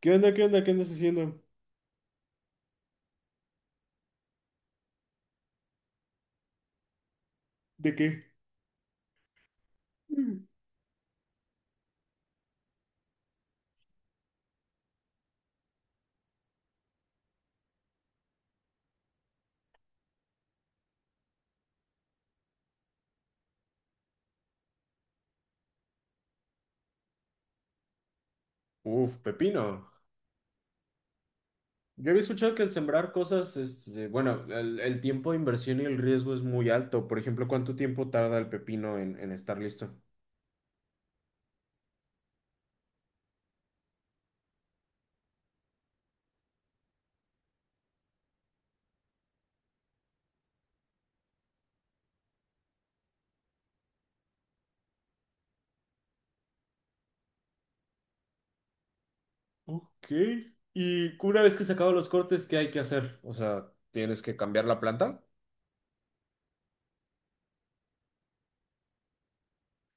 ¿Qué onda? ¿Qué onda? ¿Qué andas haciendo? ¿De qué? Mm. Uf, pepino. Yo había escuchado que el sembrar cosas, bueno, el tiempo de inversión y el riesgo es muy alto. Por ejemplo, ¿cuánto tiempo tarda el pepino en estar listo? Ok. Y una vez que se acaban los cortes, ¿qué hay que hacer? O sea, ¿tienes que cambiar la planta?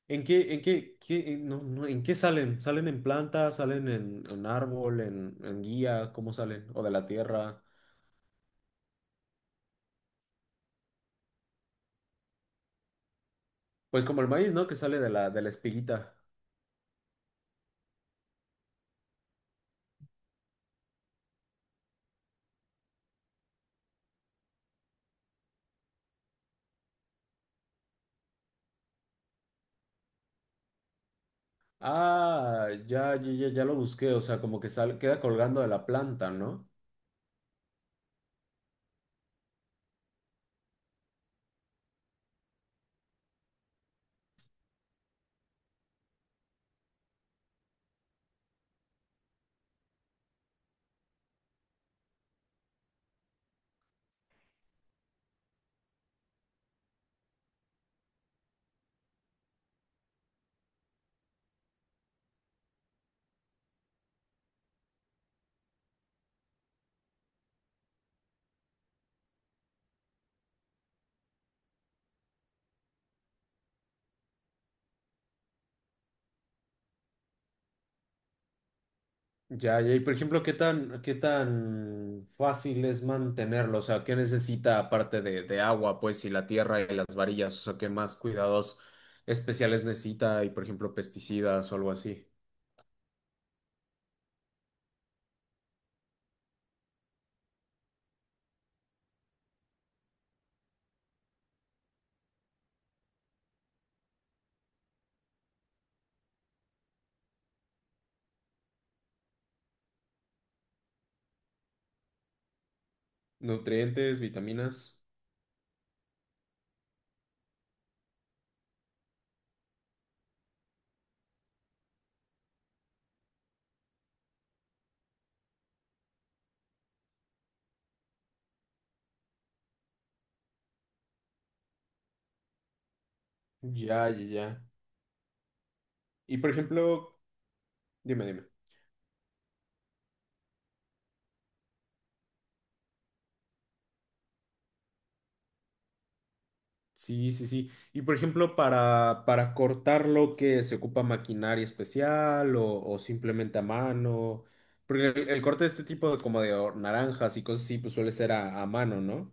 En qué, qué, en- no, no, ¿en qué salen? ¿Salen en planta? ¿Salen en árbol? ¿ en guía? ¿Cómo salen? ¿O de la tierra? Pues como el maíz, ¿no? Que sale de de la espiguita. Ah, ya lo busqué, o sea, como que sale, queda colgando de la planta, ¿no? Ya, ya, y por ejemplo, ¿ qué tan fácil es mantenerlo? O sea, ¿qué necesita aparte de agua, pues, y la tierra y las varillas? O sea, ¿qué más cuidados especiales necesita? Y por ejemplo, pesticidas o algo así. Nutrientes, vitaminas. Ya, ya, ya. Y por ejemplo, dime, dime. Sí, sí, sí. Y por ejemplo, para cortarlo, ¿que se ocupa maquinaria especial o simplemente a mano? Porque el corte de este tipo de como de o- naranjas y cosas así, pues suele ser a mano, ¿no?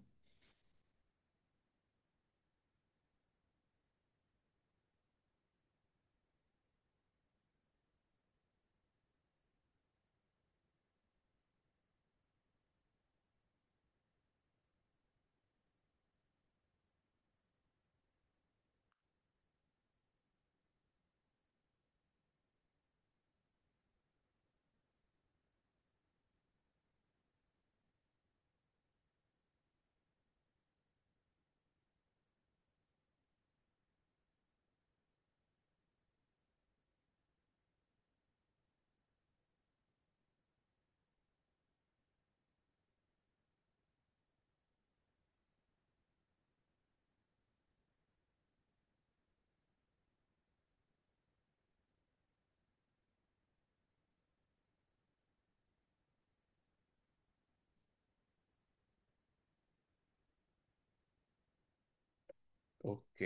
Ok.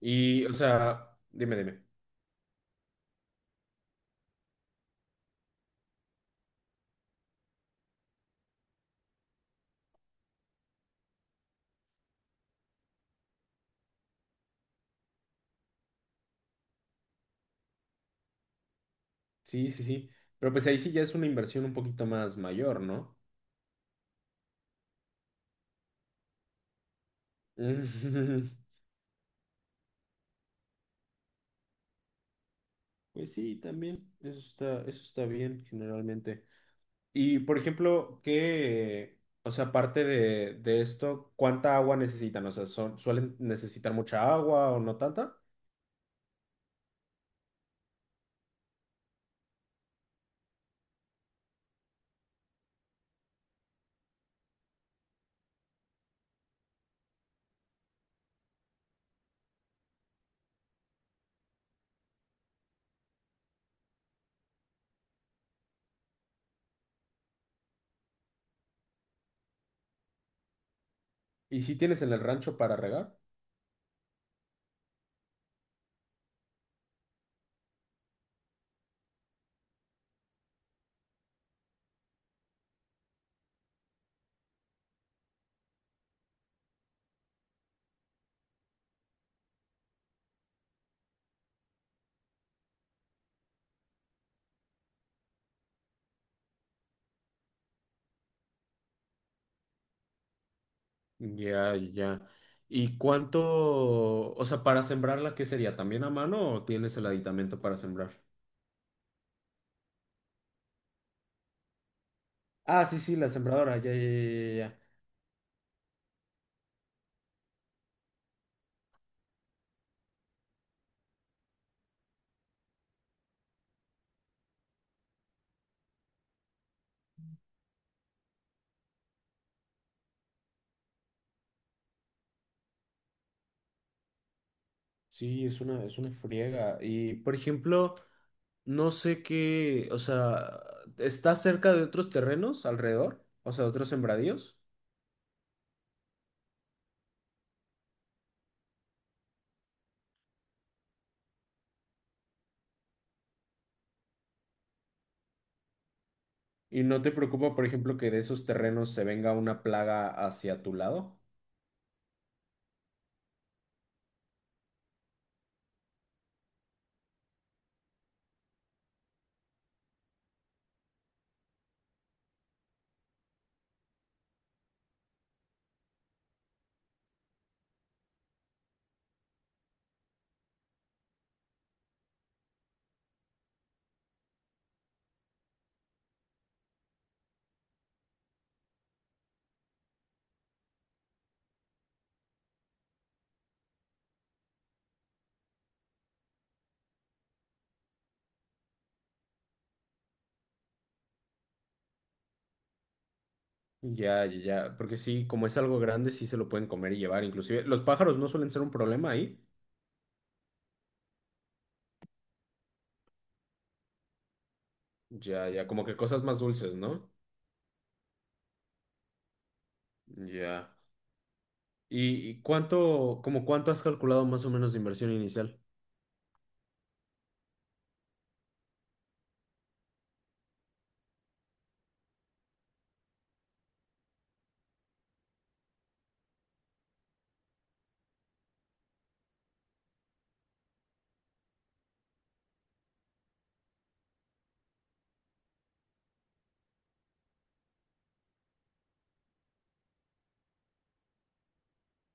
Y, o sea, dime, dime. Sí, sí, sí. Pero pues ahí sí ya es una inversión un poquito más mayor, ¿no? Pues sí, también. Eso está bien, generalmente. Y por ejemplo, ¿qué, o sea, aparte de esto, cuánta agua necesitan? O sea, son- ¿suelen necesitar mucha agua o no tanta? ¿Y si tienes en el rancho para regar? Ya, ya. ¿Y cuánto, o sea, para sembrarla, qué sería? ¿También a mano o tienes el aditamento para sembrar? Ah, sí, sí, la sembradora, ya, ya, ya, ya, ya. Sí, es una friega. Y, por ejemplo, no sé qué, o sea, ¿está cerca de otros terrenos alrededor? O sea, de otros sembradíos. ¿Y no te preocupa, por ejemplo, que de esos terrenos se venga una plaga hacia tu lado? Ya, ya, ya, porque sí, como es algo grande, sí se lo pueden comer y llevar. Inclusive, los pájaros no suelen ser un problema ahí. Ya, ya, como que cosas más dulces, ¿no? Ya. Y cuánto, como cuánto has calculado más o menos de inversión inicial?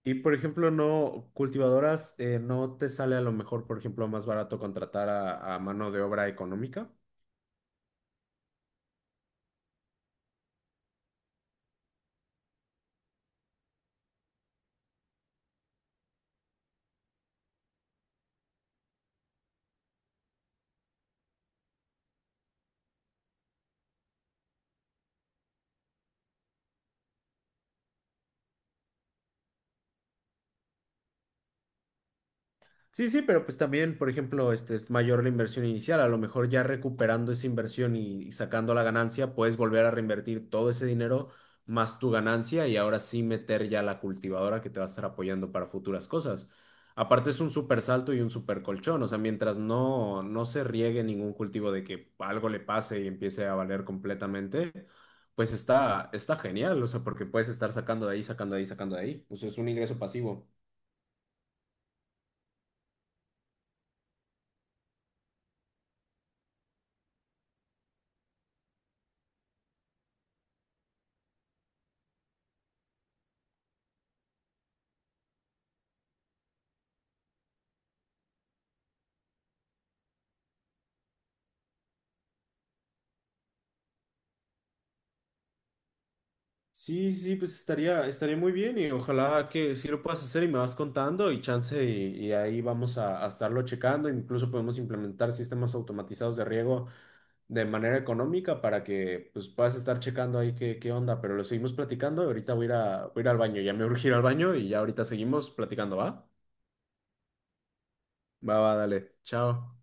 Y, por ejemplo, no, cultivadoras, ¿no te sale a lo mejor, por ejemplo, más barato contratar a mano de obra económica? Sí, sí, pero pues también, por ejemplo, este es mayor la inversión inicial. A lo mejor ya recuperando esa inversión y sacando la ganancia, puedes volver a reinvertir todo ese dinero más tu ganancia y ahora sí meter ya la cultivadora que te va a estar apoyando para futuras cosas. Aparte es un súper salto y un súper colchón. O sea, mientras no, no se riegue ningún cultivo de que algo le pase y empiece a valer completamente, pues está, está genial. O sea, porque puedes estar sacando de ahí, sacando de ahí, sacando de ahí. O sea, es un ingreso pasivo. Sí, sí, pues estaría, estaría muy bien y ojalá que sí lo puedas hacer y me vas contando y chance y ahí vamos a estarlo checando. Incluso podemos implementar sistemas automatizados de riego de manera económica para que pues puedas estar checando ahí qué, qué onda, pero lo seguimos platicando. Ahorita voy a ir voy a ir al baño, ya me urgí ir al baño y ya ahorita seguimos platicando, ¿va? Va, va, dale. Chao.